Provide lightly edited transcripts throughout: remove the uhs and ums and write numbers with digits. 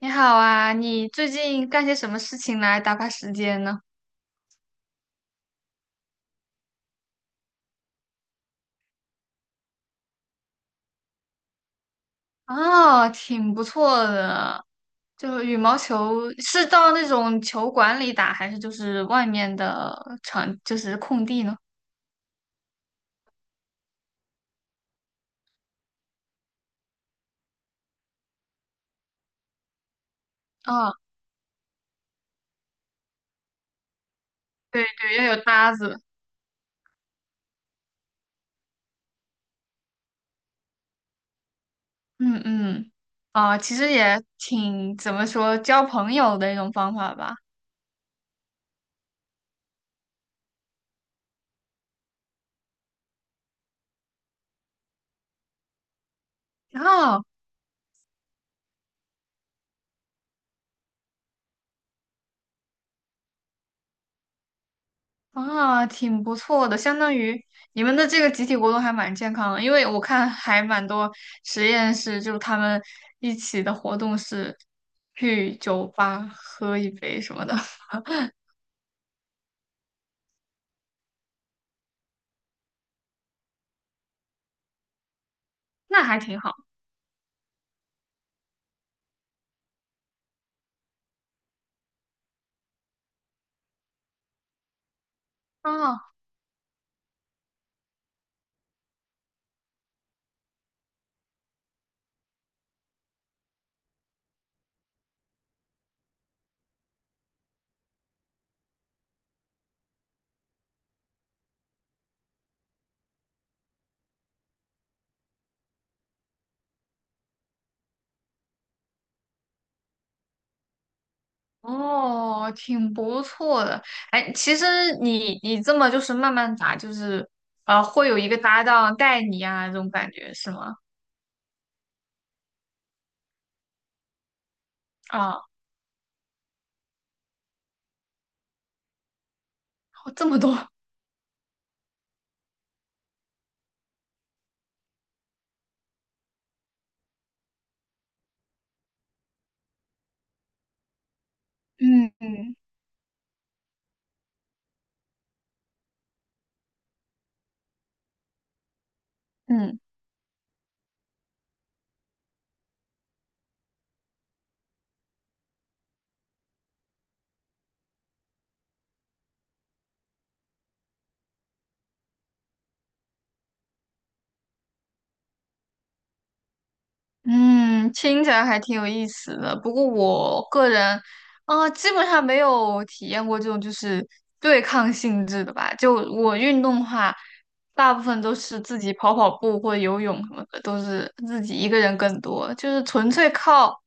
你好啊，你最近干些什么事情来打发时间呢？哦，挺不错的，就是羽毛球是到那种球馆里打，还是就是外面的场，就是空地呢？哦，对对，要有搭子。嗯嗯，啊、其实也挺怎么说，交朋友的一种方法吧。哦，啊，挺不错的，相当于你们的这个集体活动还蛮健康的，因为我看还蛮多实验室，就是他们一起的活动是去酒吧喝一杯什么的，那还挺好啊，哦，挺不错的。哎，其实你这么就是慢慢打，就是会有一个搭档带你啊，这种感觉是吗？啊，这么多，嗯嗯嗯。嗯，听起来还挺有意思的。不过我个人，啊，基本上没有体验过这种就是对抗性质的吧。就我运动的话，大部分都是自己跑跑步或者游泳什么的，都是自己一个人更多，就是纯粹靠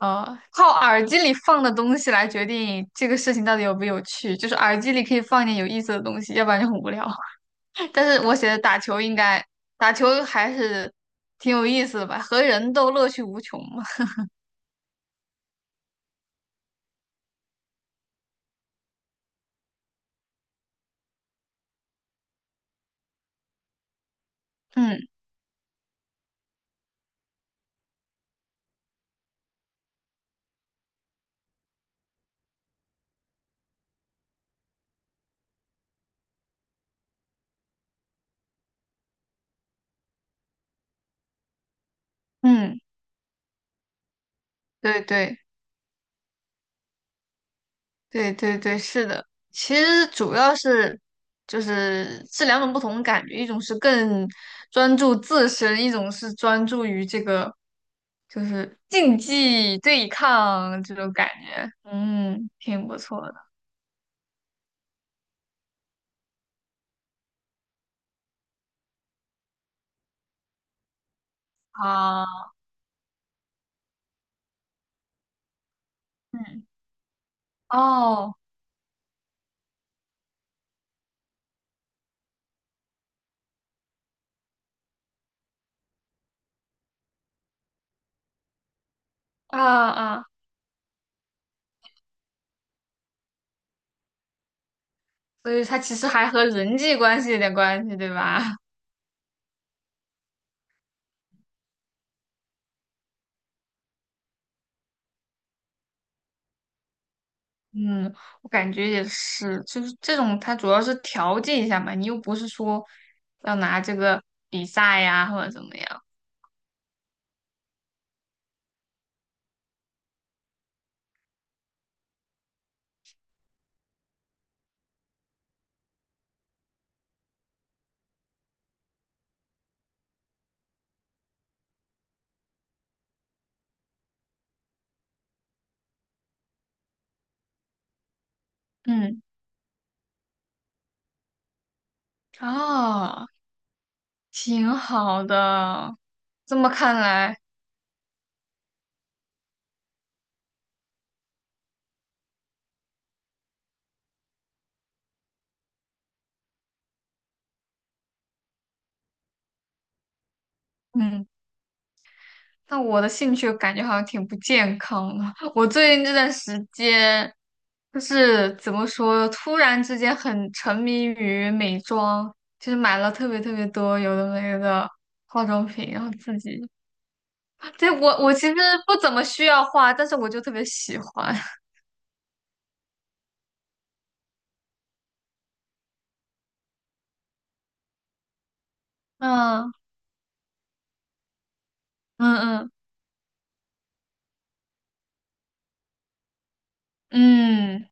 靠耳机里放的东西来决定这个事情到底有没有趣。就是耳机里可以放一点有意思的东西，要不然就很无聊。但是我写的打球应该打球还是挺有意思的吧，和人都乐趣无穷嘛。嗯嗯，对对对对对，是的。其实主要是就是是两种不同的感觉，一种是更专注自身，一种是专注于这个就是竞技对抗这种感觉。嗯，挺不错的啊。嗯哦啊啊，所以它其实还和人际关系有点关系，对吧？嗯，我感觉也是，就是这种，它主要是调剂一下嘛，你又不是说要拿这个比赛呀或者怎么样，嗯，哦，挺好的。这么看来，嗯，那我的兴趣感觉好像挺不健康的。我最近这段时间，就是怎么说，突然之间很沉迷于美妆，就是买了特别特别多有的没的化妆品，然后自己对，我其实不怎么需要画，但是我就特别喜欢。嗯嗯嗯嗯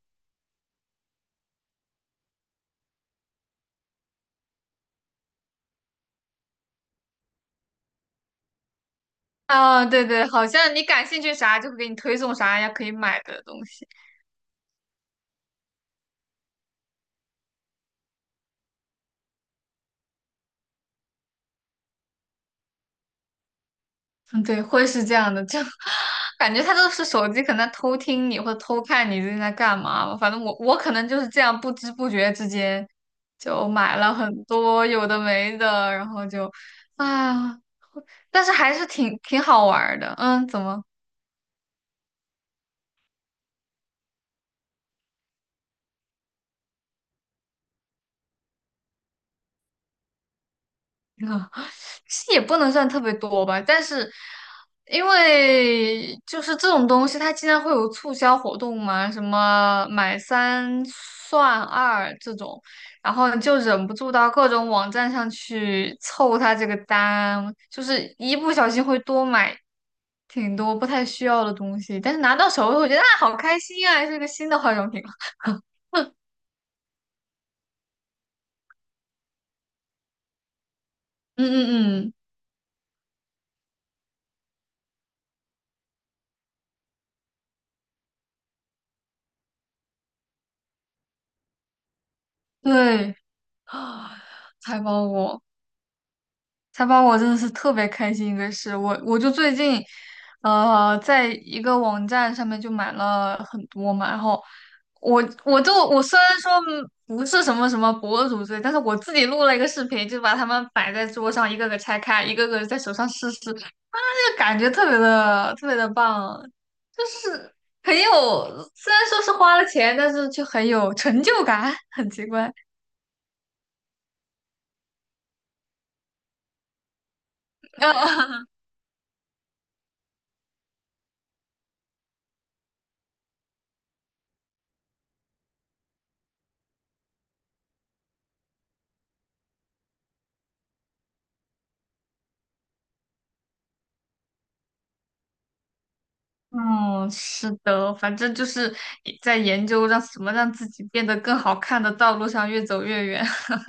啊，对对，好像你感兴趣啥就会给你推送啥呀可以买的东西。嗯，对，会是这样的，就 感觉他都是手机可能偷听你或者偷看你最近在干嘛吧。反正我可能就是这样不知不觉之间就买了很多有的没的，然后就啊，但是还是挺好玩儿的。嗯，怎么？啊，其实也不能算特别多吧，但是因为就是这种东西，它经常会有促销活动嘛，什么买三算二这种，然后你就忍不住到各种网站上去凑它这个单，就是一不小心会多买挺多不太需要的东西，但是拿到手我觉得啊好开心啊，是个新的化妆品啊 嗯嗯嗯，对啊，财宝我。采访我真的是特别开心一个事，我就最近，在一个网站上面就买了很多嘛，然后我虽然说嗯不是什么什么博主之类，但是我自己录了一个视频，就把它们摆在桌上，一个个拆开，一个个在手上试试，那个感觉特别的特别的棒，就是很有，虽然说是花了钱，但是却很有成就感，很奇怪，嗯，是的，反正就是在研究让什么让自己变得更好看的道路上越走越远。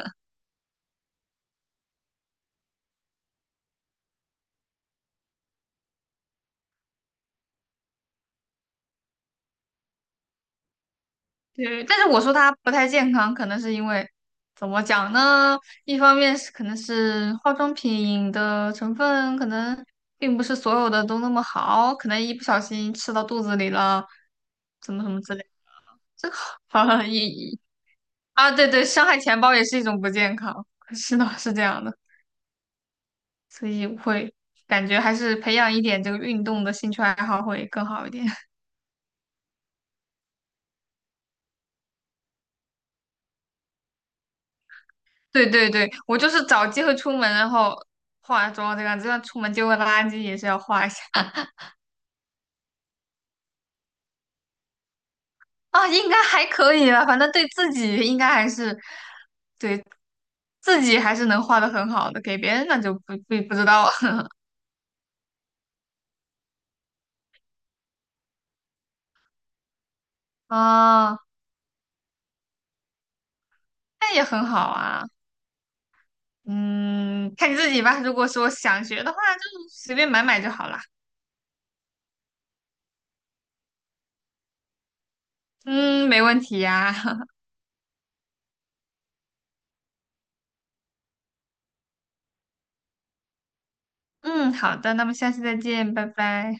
对，但是我说它不太健康，可能是因为怎么讲呢？一方面是可能是化妆品的成分可能并不是所有的都那么好，可能一不小心吃到肚子里了，怎么什么之类，这个 好像也啊，对对，伤害钱包也是一种不健康。是的，是这样的。所以我会感觉还是培养一点这个运动的兴趣爱好会更好一点。对对对，我就是找机会出门，然后化妆这个样子，就算出门丢个垃圾也是要化一下 啊，应该还可以吧，反正对自己应该还是对自己还是能画的很好的，给别人那就不知道了 啊，那也很好啊，嗯，看你自己吧。如果说想学的话，就随便买买就好啦。嗯，没问题呀、嗯，好的，那么下次再见，拜拜。